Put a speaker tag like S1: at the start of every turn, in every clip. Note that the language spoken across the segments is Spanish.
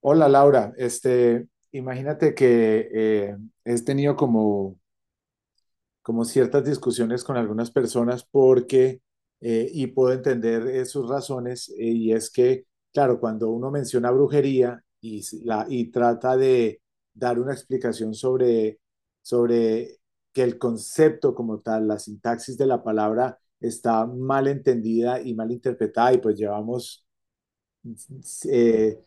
S1: Hola Laura, imagínate que he tenido como, como ciertas discusiones con algunas personas porque, y puedo entender sus razones, y es que, claro, cuando uno menciona brujería y, la, y trata de dar una explicación sobre, sobre que el concepto como tal, la sintaxis de la palabra está mal entendida y mal interpretada, y pues llevamos eh,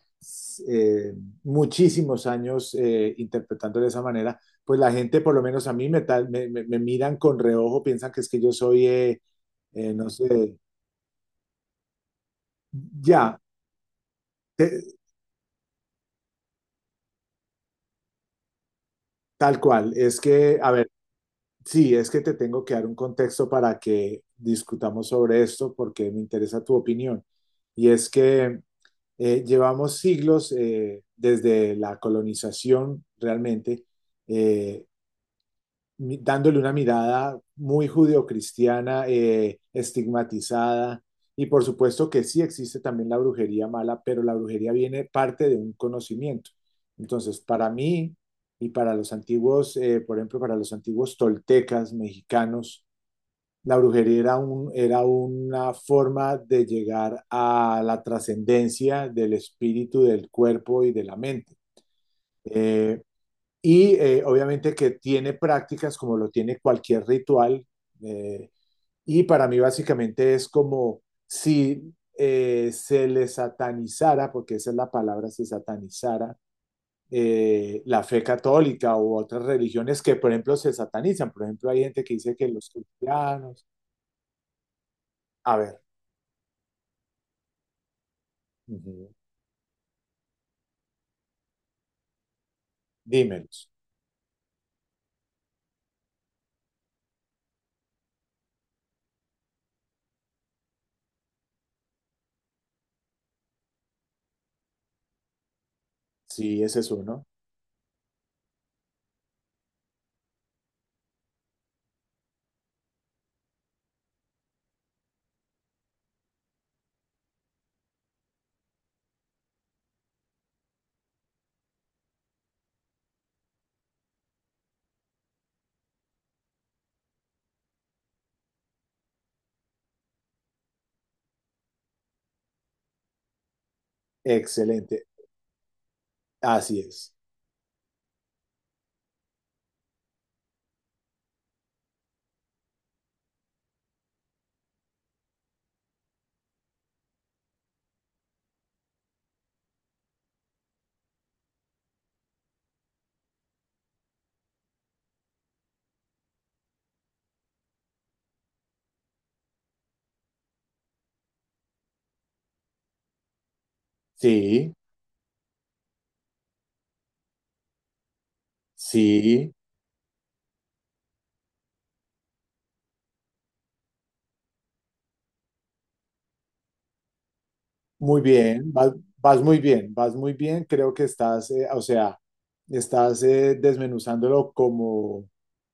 S1: eh, muchísimos años interpretando de esa manera, pues la gente, por lo menos a mí, me, tal- me- me miran con reojo, piensan que es que yo soy, no sé, ya, te- tal cual. Es que, a ver, sí, es que te tengo que dar un contexto para que discutamos sobre esto porque me interesa tu opinión. Y es que llevamos siglos desde la colonización realmente eh, dándole una mirada muy judeocristiana, estigmatizada. Y por supuesto que sí existe también la brujería mala, pero la brujería viene parte de un conocimiento. Entonces, para mí y para los antiguos, por ejemplo, para los antiguos toltecas mexicanos, la brujería era un, era una forma de llegar a la trascendencia del espíritu, del cuerpo y de la mente. Eh, obviamente que tiene prácticas como lo tiene cualquier ritual. eh, y para mí básicamente es como si se le satanizara, porque esa es la palabra, se satanizara la fe católica u otras religiones que, por ejemplo, se satanizan. Por ejemplo, hay gente que dice que los cristianos... A ver, ujú, dímelos. Sí, ese es uno. Excelente. Así es. Sí, sí. Muy bien, vas, vas muy bien, vas muy bien. Creo que estás, o sea, estás desmenuzándolo como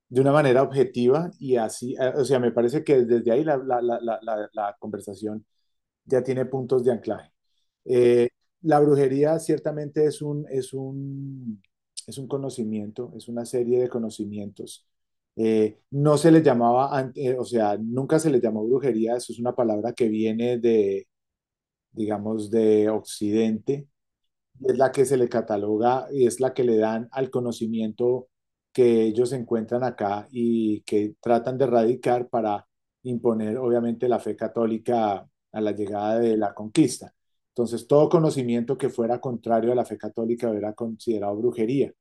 S1: de una manera objetiva y así, o sea, me parece que desde ahí la conversación ya tiene puntos de anclaje. Eh, la brujería ciertamente es un conocimiento, es una serie de conocimientos. No se le llamaba, o sea, nunca se le llamó brujería, eso es una palabra que viene digamos, de Occidente, y es la que se le cataloga y es la que le dan al conocimiento que ellos encuentran acá y que tratan de erradicar para imponer, obviamente, la fe católica a la llegada de la conquista. Entonces, todo conocimiento que fuera contrario a la fe católica era considerado brujería.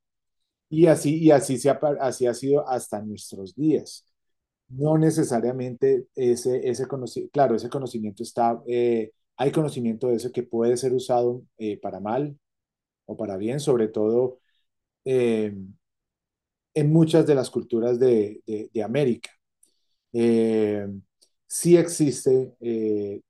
S1: Y así, así ha sido hasta nuestros días. No necesariamente ese, ese conocimiento, claro, ese conocimiento está, hay conocimiento de eso que puede ser usado para mal o para bien, sobre todo eh, en muchas de las culturas de América. Eh, sí existe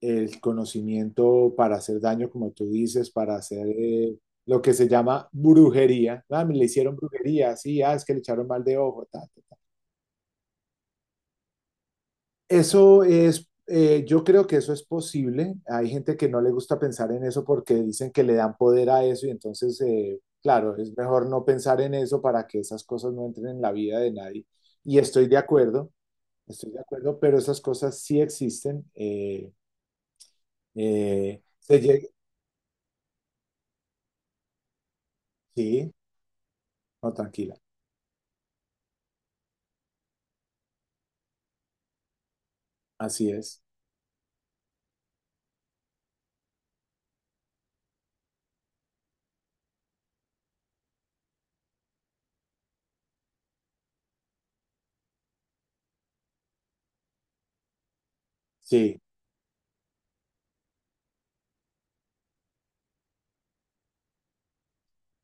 S1: el conocimiento para hacer daño, como tú dices, para hacer lo que se llama brujería. Ah, me le hicieron brujería, sí, ah, es que le echaron mal de ojo, ta, ta. Eso es, yo creo que eso es posible. Hay gente que no le gusta pensar en eso porque dicen que le dan poder a eso y entonces, claro, es mejor no pensar en eso para que esas cosas no entren en la vida de nadie. Y estoy de acuerdo, pero esas cosas sí existen. Se llega, sí, no, tranquila, así es. Sí.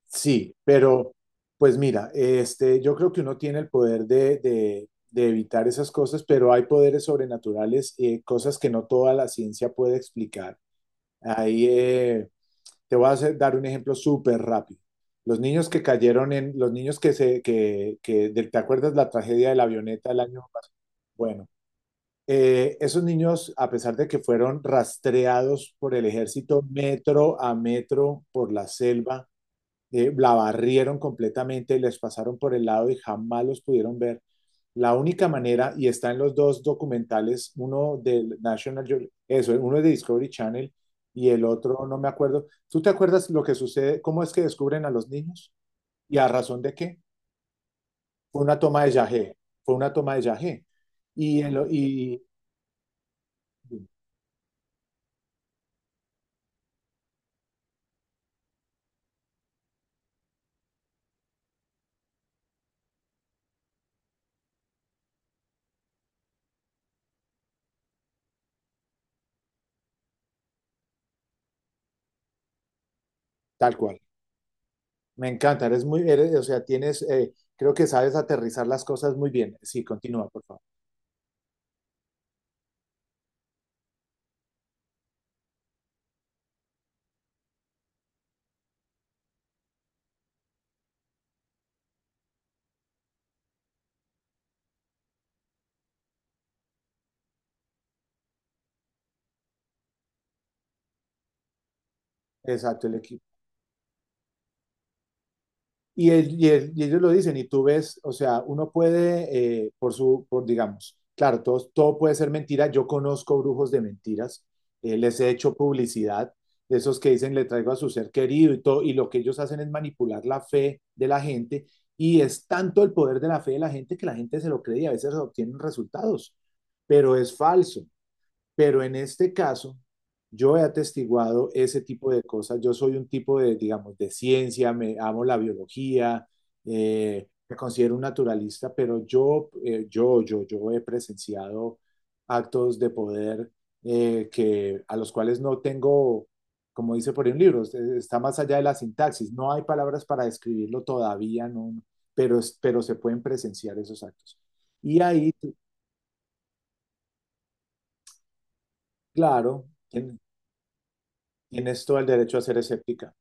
S1: Sí, pero pues mira, yo creo que uno tiene el poder de evitar esas cosas, pero hay poderes sobrenaturales, cosas que no toda la ciencia puede explicar. Ahí te dar un ejemplo súper rápido. Los niños que cayeron en, los niños que se, que, de- ¿te acuerdas la tragedia de la avioneta el año pasado? Bueno, esos niños, a pesar de que fueron rastreados por el ejército metro a metro por la selva, la barrieron completamente, les pasaron por el lado y jamás los pudieron ver. La única manera, y está en los dos documentales, uno del eso, uno es de Discovery Channel y el otro no me acuerdo. ¿Tú te acuerdas lo que sucede? ¿Cómo es que descubren a los niños? ¿Y a razón de qué? Fue una toma de Yagé, fue una toma de Yagé. Y, tal cual. Me encanta, eres muy, eres, o sea, tienes, creo que sabes aterrizar las cosas muy bien. Sí, continúa, por favor. Exacto, el equipo. Y, y ellos lo dicen, y tú ves, o sea, uno puede, por su, por digamos, claro, todo, todo puede ser mentira. Yo conozco brujos de mentiras, les he hecho publicidad, de esos que dicen le traigo a su ser querido y todo, y lo que ellos hacen es manipular la fe de la gente, y es tanto el poder de la fe de la gente que la gente se lo cree y a veces obtienen resultados, pero es falso. Pero en este caso, yo he atestiguado ese tipo de cosas. Yo soy un tipo de, digamos, de ciencia, me amo la biología, me considero un naturalista, pero yo he presenciado actos de poder que a los cuales no tengo, como dice por ahí un libro, está más allá de la sintaxis. No hay palabras para describirlo todavía, no, no, pero, pero se pueden presenciar esos actos. Y ahí, claro, tienes todo el derecho a ser escéptica.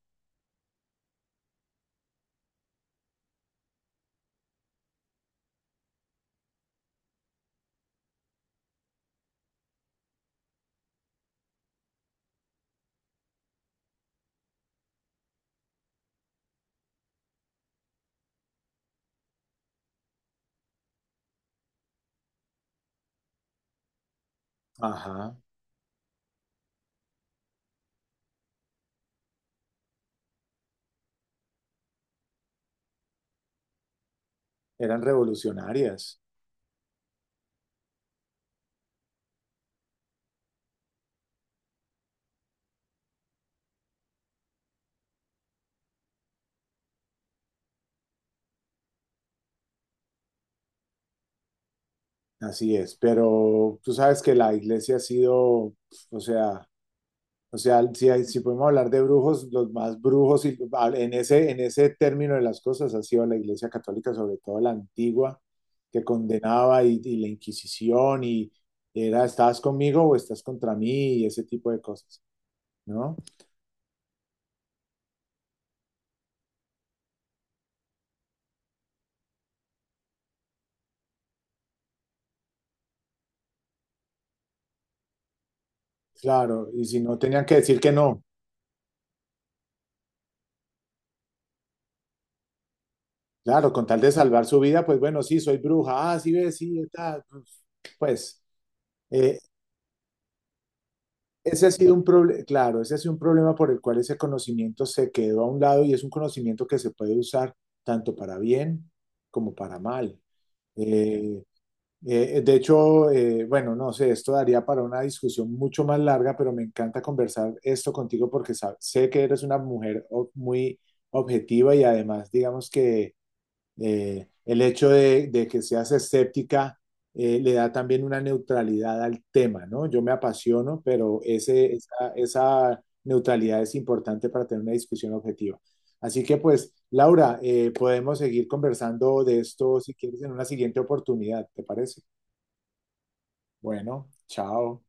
S1: Ajá, eran revolucionarias, así es, pero tú sabes que la iglesia ha sido, o sea, o sea, si, si podemos hablar de brujos, los más brujos y, ah, en ese término de las cosas ha sido la iglesia católica, sobre todo la antigua, que condenaba y la Inquisición y era, ¿estás conmigo o estás contra mí? Y ese tipo de cosas, ¿no? Claro, y si no, tenían que decir que no. Claro, con tal de salvar su vida, pues bueno, sí, soy bruja, ah, sí ves, sí, está. Pues eh, ese ha sido un problema, claro, ese ha sido un problema por el cual ese conocimiento se quedó a un lado y es un conocimiento que se puede usar tanto para bien como para mal. Eh, de hecho, bueno, no sé, esto daría para una discusión mucho más larga, pero me encanta conversar esto contigo porque sé que eres una mujer muy objetiva y además, digamos que el hecho que seas escéptica le da también una neutralidad al tema, ¿no? Yo me apasiono, pero esa, esa neutralidad es importante para tener una discusión objetiva. Así que pues, Laura, podemos seguir conversando de esto si quieres en una siguiente oportunidad, ¿te parece? Bueno, chao.